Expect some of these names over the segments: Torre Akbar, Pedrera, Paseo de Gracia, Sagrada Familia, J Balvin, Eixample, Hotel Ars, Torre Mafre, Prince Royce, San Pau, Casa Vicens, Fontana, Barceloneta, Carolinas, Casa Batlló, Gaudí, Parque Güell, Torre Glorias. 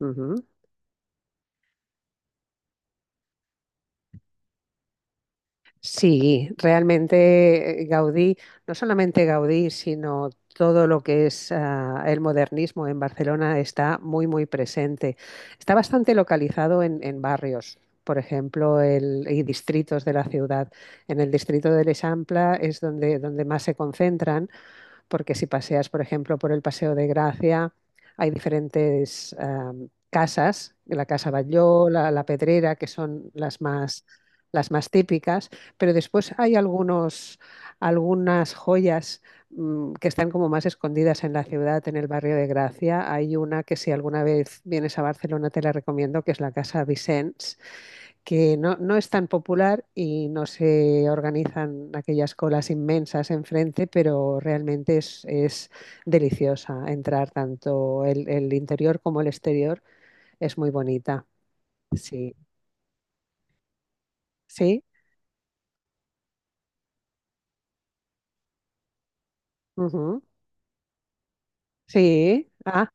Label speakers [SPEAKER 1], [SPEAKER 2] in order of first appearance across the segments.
[SPEAKER 1] Ujú. Sí, realmente Gaudí, no solamente Gaudí, sino todo lo que es el modernismo en Barcelona está muy, muy presente. Está bastante localizado en barrios, por ejemplo, y distritos de la ciudad. En el distrito del Eixample es donde más se concentran porque si paseas, por ejemplo, por el Paseo de Gracia, hay diferentes casas, la Casa Batlló, la Pedrera, que son las más típicas, pero después hay algunas joyas que están como más escondidas en la ciudad, en el barrio de Gracia. Hay una que si alguna vez vienes a Barcelona te la recomiendo, que es la Casa Vicens, que no es tan popular y no se organizan aquellas colas inmensas enfrente, pero realmente es deliciosa entrar tanto el interior como el exterior, es muy bonita. Sí, sí. Ujú. Sí. Ah,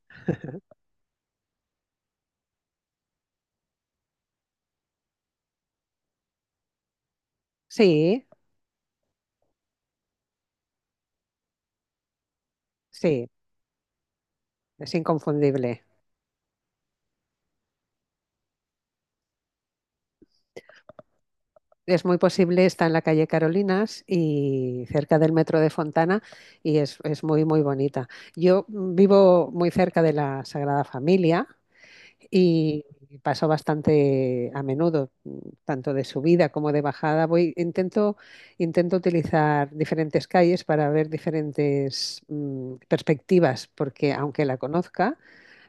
[SPEAKER 1] sí, sí, es inconfundible. Es muy posible, está en la calle Carolinas y cerca del metro de Fontana, y es muy, muy bonita. Yo vivo muy cerca de la Sagrada Familia y paso bastante a menudo, tanto de subida como de bajada. Voy, intento utilizar diferentes calles para ver diferentes perspectivas, porque aunque la conozca,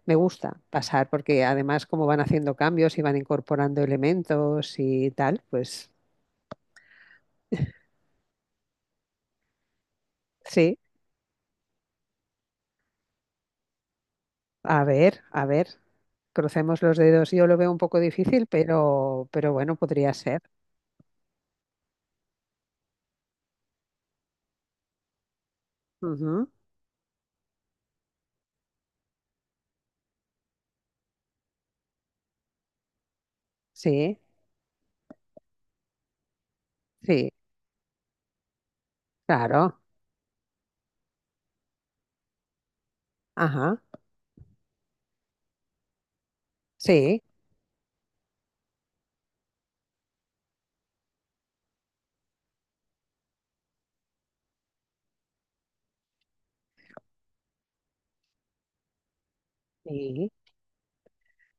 [SPEAKER 1] me gusta pasar, porque además como van haciendo cambios y van incorporando elementos y tal, pues sí, a ver, crucemos los dedos. Yo lo veo un poco difícil, pero bueno, podría ser. Ujú. Sí, sí, claro. Ajá, sí. Sí,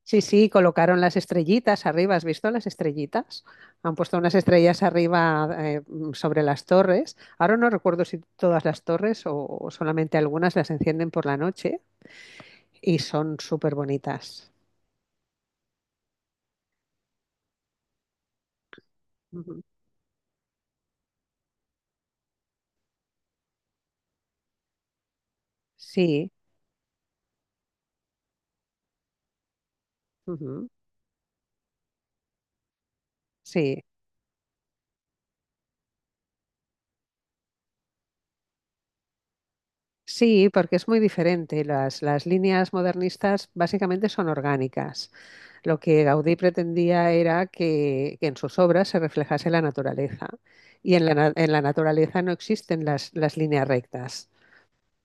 [SPEAKER 1] sí, sí, colocaron las estrellitas arriba. ¿Has visto las estrellitas? Han puesto unas estrellas arriba sobre las torres. Ahora no recuerdo si todas las torres o solamente algunas las encienden por la noche, y son súper bonitas. Ujú. Sí, ujú, sí. Sí, porque es muy diferente. Las líneas modernistas básicamente son orgánicas. Lo que Gaudí pretendía era que en sus obras se reflejase la naturaleza. Y en la naturaleza no existen las líneas rectas.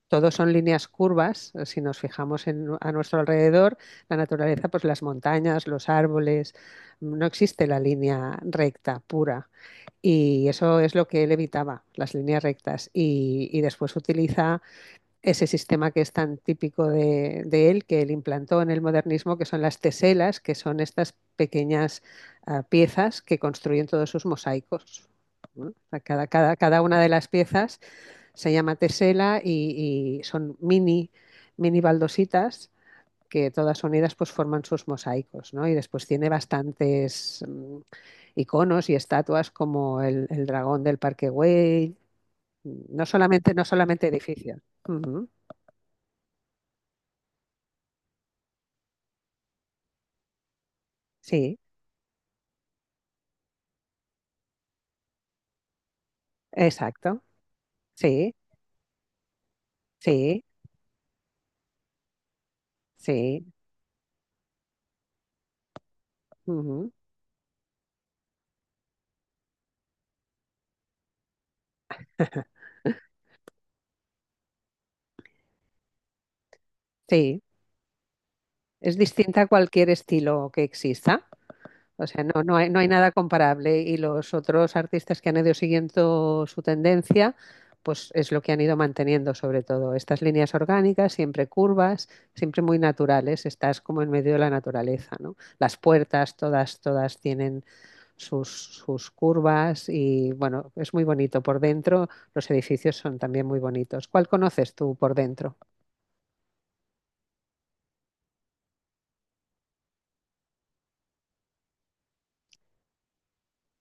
[SPEAKER 1] Todos son líneas curvas. Si nos fijamos a nuestro alrededor, la naturaleza, pues las montañas, los árboles, no existe la línea recta pura. Y eso es lo que él evitaba, las líneas rectas. Y después utiliza ese sistema que es tan típico él, que él implantó en el modernismo, que son las teselas, que son estas pequeñas piezas que construyen todos sus mosaicos, ¿no? Cada una de las piezas se llama tesela y son mini, mini baldositas que todas unidas pues forman sus mosaicos, ¿no? Y después tiene bastantes iconos y estatuas como el dragón del Parque Güell, no solamente, no solamente edificios. Uh -huh. Sí. Exacto. Sí, sí, sí. Ujú. Sí, es distinta a cualquier estilo que exista. O sea, no hay nada comparable. Y los otros artistas que han ido siguiendo su tendencia, pues es lo que han ido manteniendo, sobre todo. Estas líneas orgánicas, siempre curvas, siempre muy naturales. Estás como en medio de la naturaleza, ¿no? Las puertas, todas, todas tienen sus curvas y bueno, es muy bonito por dentro. Los edificios son también muy bonitos. ¿Cuál conoces tú por dentro?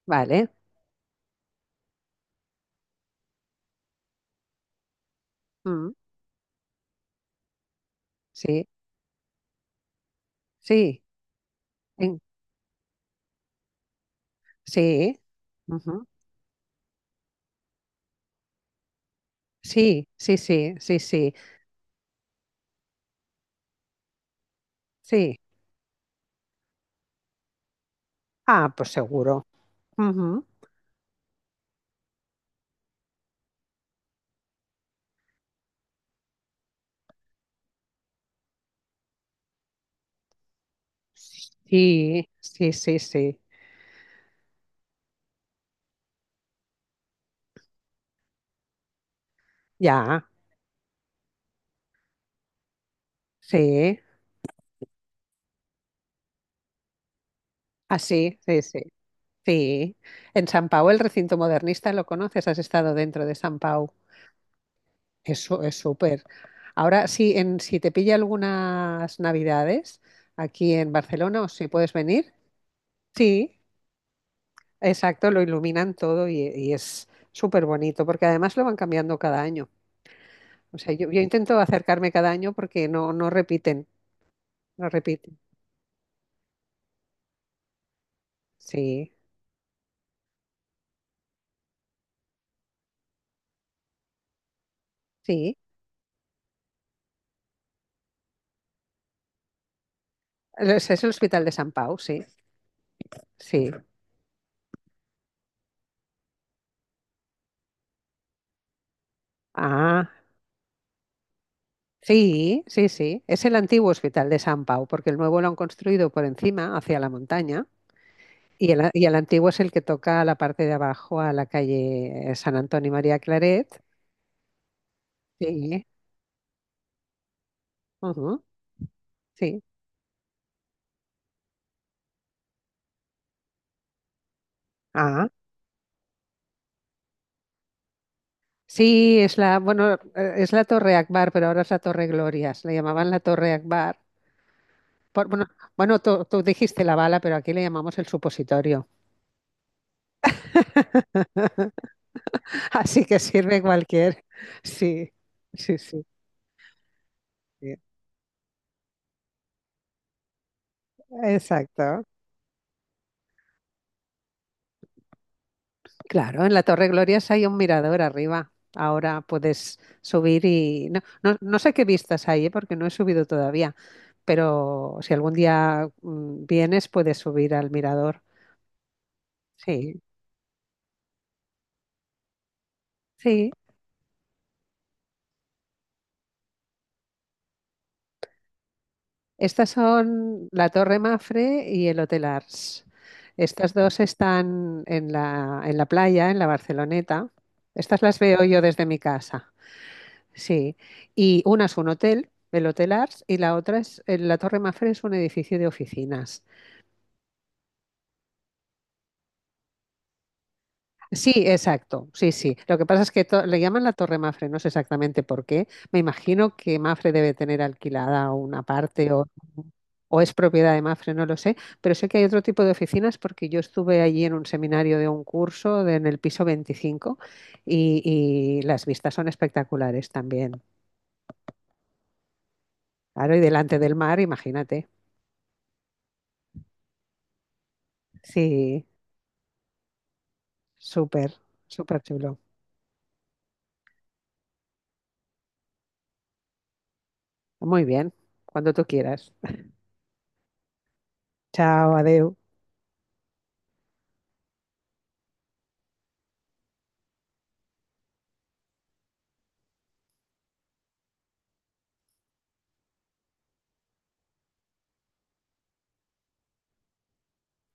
[SPEAKER 1] Vale. Mm, sí, sí, en- sí. Ujú. Sí, sí, sí, sí, sí, sí. Ah, pues seguro. Ujú. Sí, sí, sí, sí. Ya, sí. Así, sí, sí, sí. En San Pau, el recinto modernista, ¿lo conoces? ¿Has estado dentro de San Pau? Eso es súper. Ahora, sí, si te pilla algunas navidades aquí en Barcelona o si puedes venir, sí, exacto, lo iluminan todo y es súper bonito porque además lo van cambiando cada año. O sea, yo intento acercarme cada año porque no repiten, no repiten. Sí, sí. Es el Hospital de San Pau, sí, sí. Ah, sí, sí, sí. Es el antiguo Hospital de San Pau porque el nuevo lo han construido por encima, hacia la montaña. Y el antiguo es el que toca a la parte de abajo, a la calle San Antonio y María Claret. Sí, ujú, sí. Ah, sí, bueno, es la Torre Akbar, pero ahora es la Torre Glorias. Le llamaban la Torre Akbar. Bueno, bueno, tú dijiste la bala, pero aquí le llamamos el supositorio. Así que sirve cualquier. Sí, sí, sí. Sí. Exacto. Claro, en la Torre Glorias hay un mirador arriba. Ahora puedes subir y no sé qué vistas hay, ¿eh?, porque no he subido todavía, pero si algún día vienes puedes subir al mirador. Sí, sí. Estas son la Torre Mafre y el Hotel Ars. Estas dos están en la playa, en la Barceloneta. Estas las veo yo desde mi casa. Sí, y una es un hotel, el Hotel Ars, y la otra la Torre Mafre, es un edificio de oficinas. Sí, exacto, sí, sí. Lo que pasa es que le llaman la Torre Mafre, no sé exactamente por qué. Me imagino que Mafre debe tener alquilada una parte, o es propiedad de Mafre, no lo sé, pero sé que hay otro tipo de oficinas porque yo estuve allí en un seminario de un curso en el piso 25, y las vistas son espectaculares también. Claro, y delante del mar, imagínate. Sí. Súper, súper chulo. Muy bien, cuando tú quieras. Chao, adeu.